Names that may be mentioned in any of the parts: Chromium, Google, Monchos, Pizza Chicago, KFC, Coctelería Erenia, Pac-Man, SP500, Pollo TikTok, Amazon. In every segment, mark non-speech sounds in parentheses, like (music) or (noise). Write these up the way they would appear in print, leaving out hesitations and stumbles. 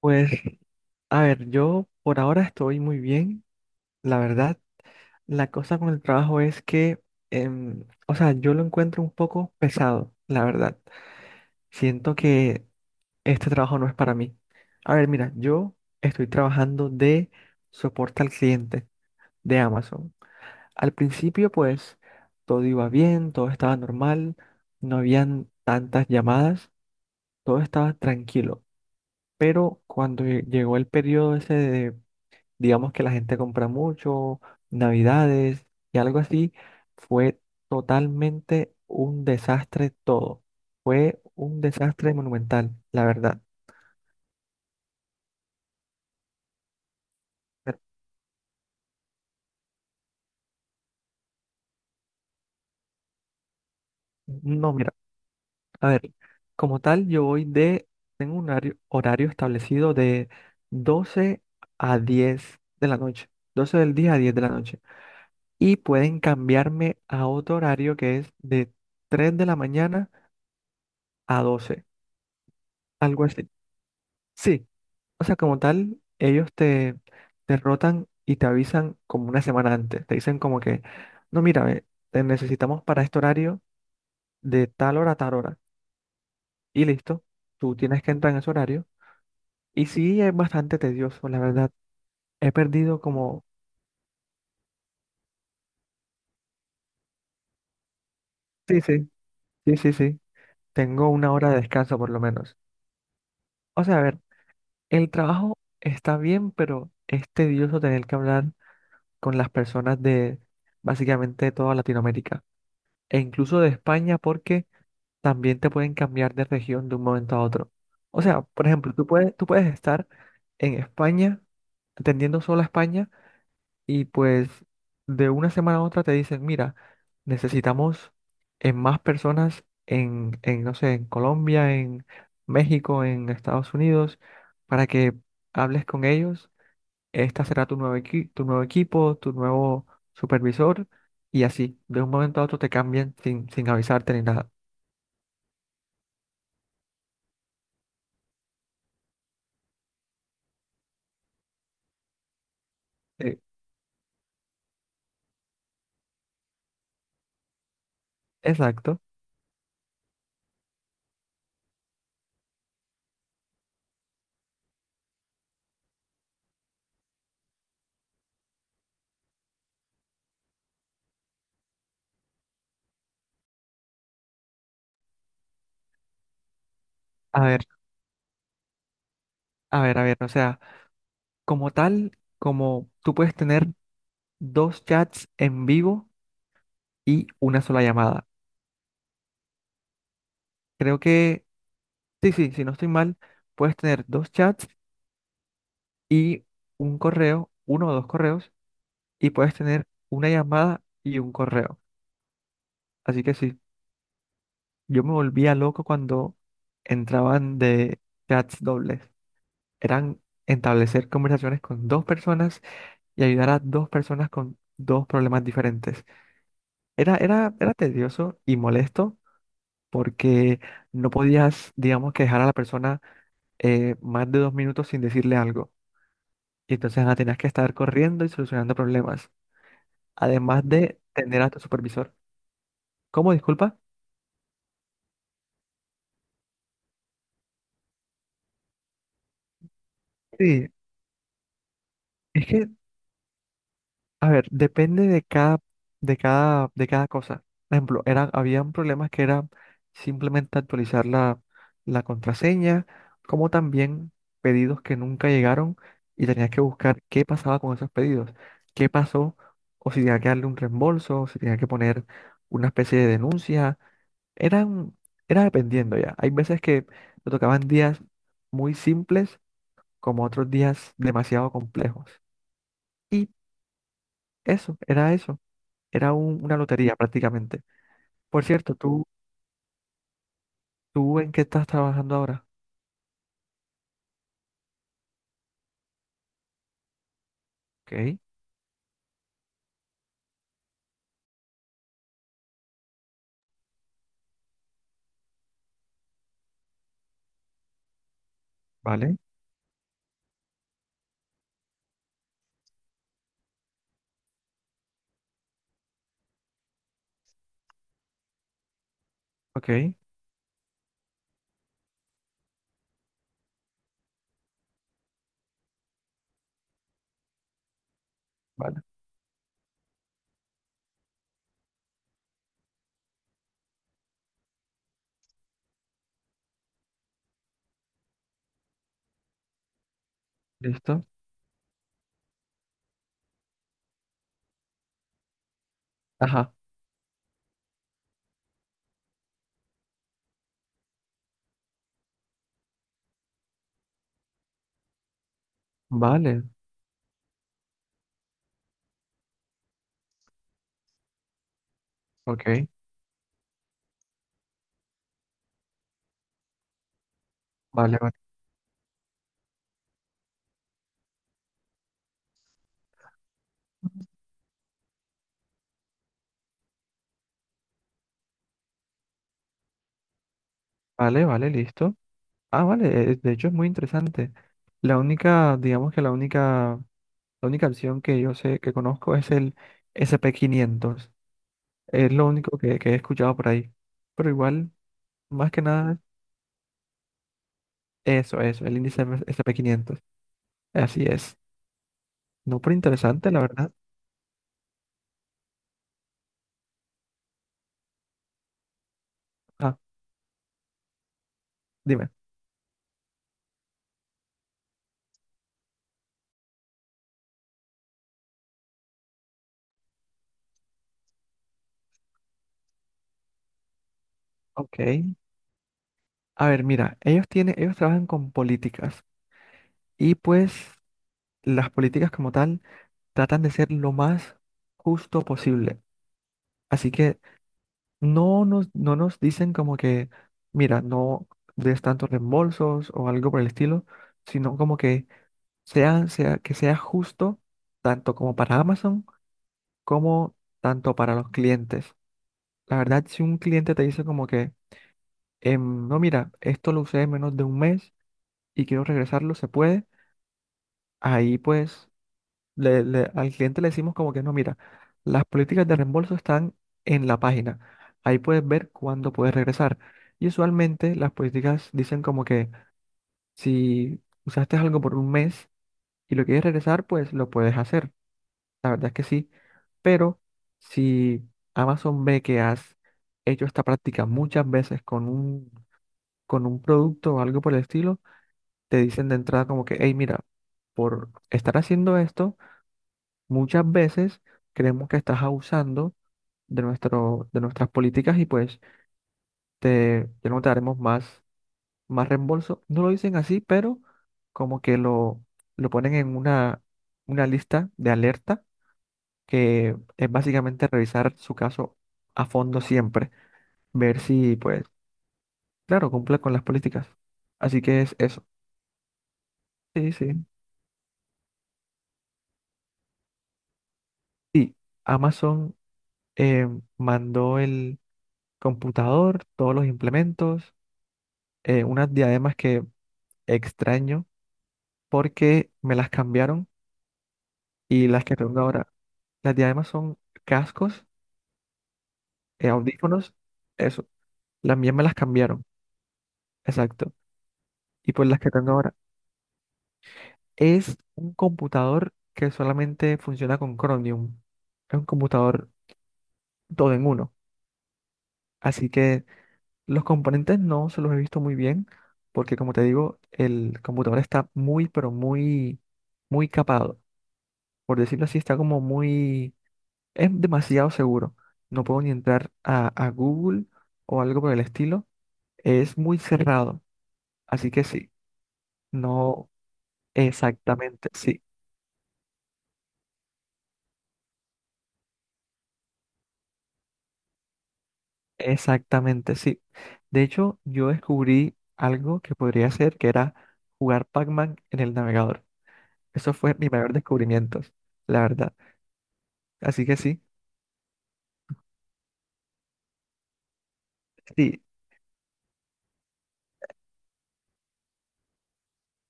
Pues, a ver, yo por ahora estoy muy bien, la verdad. La cosa con el trabajo es que, o sea, yo lo encuentro un poco pesado, la verdad. Siento que este trabajo no es para mí. A ver, mira, yo estoy trabajando de soporte al cliente de Amazon. Al principio, pues, todo iba bien, todo estaba normal, no habían tantas llamadas, todo estaba tranquilo. Pero cuando llegó el periodo ese, digamos que la gente compra mucho, Navidades y algo así, fue totalmente un desastre todo. Fue un desastre monumental, la verdad. Pero, no, mira, a ver, como tal, yo voy de, tengo un horario, horario establecido de 12 a 10 de la noche, 12 del día a 10 de la noche. Y pueden cambiarme a otro horario que es de 3 de la mañana a doce, algo así. Sí, o sea, como tal, ellos te, te rotan y te avisan como una semana antes. Te dicen como que, no, mira, ve, te necesitamos para este horario de tal hora a tal hora. Y listo, tú tienes que entrar en ese horario. Y sí, es bastante tedioso, la verdad. He perdido como... Sí, sí, sí, sí, sí. Tengo una hora de descanso por lo menos. O sea, a ver, el trabajo está bien, pero es tedioso tener que hablar con las personas de básicamente toda Latinoamérica e incluso de España porque... también te pueden cambiar de región de un momento a otro. O sea, por ejemplo, tú puedes estar en España, atendiendo solo a España, y pues de una semana a otra te dicen, mira, necesitamos en más personas en, no sé, en Colombia, en México, en Estados Unidos, para que hables con ellos. Esta será tu tu nuevo equipo, tu nuevo supervisor, y así, de un momento a otro te cambian sin avisarte ni nada. Eh, Exacto. A ver, a ver, o sea, como tal, como tú puedes tener dos chats en vivo y una sola llamada. Creo que, sí, si no estoy mal, puedes tener dos chats y un correo, uno o dos correos, y puedes tener una llamada y un correo. Así que sí, yo me volvía loco cuando entraban de chats dobles. Eran establecer conversaciones con dos personas y ayudar a dos personas con dos problemas diferentes. Era tedioso y molesto porque no podías, digamos, que dejar a la persona más de dos minutos sin decirle algo. Y entonces tenías que estar corriendo y solucionando problemas. Además de tener a tu supervisor. ¿Cómo? Disculpa. Sí, es que a ver, depende de cada cosa. Por ejemplo, eran, habían problemas que era simplemente actualizar la contraseña, como también pedidos que nunca llegaron y tenías que buscar qué pasaba con esos pedidos, qué pasó, o si tenía que darle un reembolso, o si tenía que poner una especie de denuncia. Eran, era dependiendo ya. Hay veces que me tocaban días muy simples, como otros días demasiado complejos. Y eso. Era una lotería prácticamente. Por cierto, ¿tú, tú en qué estás trabajando ahora? Ok, vale, ok, vale, listo. Ajá, vale, ok, vale, vale, vale, vale, listo. Ah, vale, de hecho es muy interesante. La única, digamos que la única, la única opción que yo sé, que conozco es el SP500. Es lo único que he escuchado por ahí. Pero igual, más que nada, eso, el índice SP500. Así es. No, pero interesante, la verdad. Ah, dime. Ok. A ver, mira, ellos tienen, ellos trabajan con políticas y pues las políticas como tal tratan de ser lo más justo posible. Así que no nos dicen como que, mira, no des tantos reembolsos o algo por el estilo, sino como que que sea justo tanto como para Amazon como tanto para los clientes. La verdad, si un cliente te dice como que, no, mira, esto lo usé menos de un mes y quiero regresarlo, se puede. Ahí pues al cliente le decimos como que no, mira, las políticas de reembolso están en la página. Ahí puedes ver cuándo puedes regresar. Y usualmente las políticas dicen como que si usaste algo por un mes y lo quieres regresar, pues lo puedes hacer. La verdad es que sí. Pero si Amazon ve que has hecho esta práctica muchas veces con un producto o algo por el estilo, te dicen de entrada como que, hey, mira, por estar haciendo esto, muchas veces creemos que estás abusando de nuestras políticas y pues ya no te daremos más, más reembolso. No lo dicen así, pero como que lo ponen en una lista de alerta, que es básicamente revisar su caso a fondo siempre, ver si pues, claro, cumple con las políticas. Así que es eso. Sí, sí. Y Amazon eh, mandó el computador, todos los implementos, unas diademas que extraño porque me las cambiaron, y las que tengo ahora, las diademas son cascos, audífonos, eso. Las mías me las cambiaron, exacto. Y pues las que tengo ahora es un computador que solamente funciona con Chromium. Es un computador todo en uno. Así que los componentes no se los he visto muy bien porque como te digo, el computador está muy, pero muy, muy capado. Por decirlo así, está como muy... Es demasiado seguro. No puedo ni entrar a Google o algo por el estilo. Es muy cerrado. Así que sí, no exactamente, sí, exactamente, sí. De hecho, yo descubrí algo que podría hacer, que era jugar Pac-Man en el navegador. Eso fue mi mayor descubrimiento, la verdad. Así que sí, sí,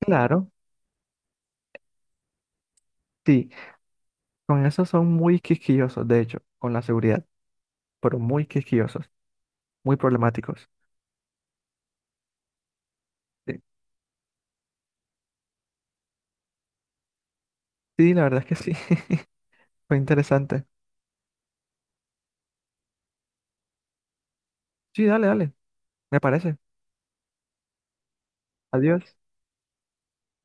claro, sí. Con eso son muy quisquillosos, de hecho, con la seguridad, pero muy quisquillosos, muy problemáticos. Sí, sí, la verdad es que sí. (laughs) Fue interesante. Sí, dale, dale. Me parece. Adiós.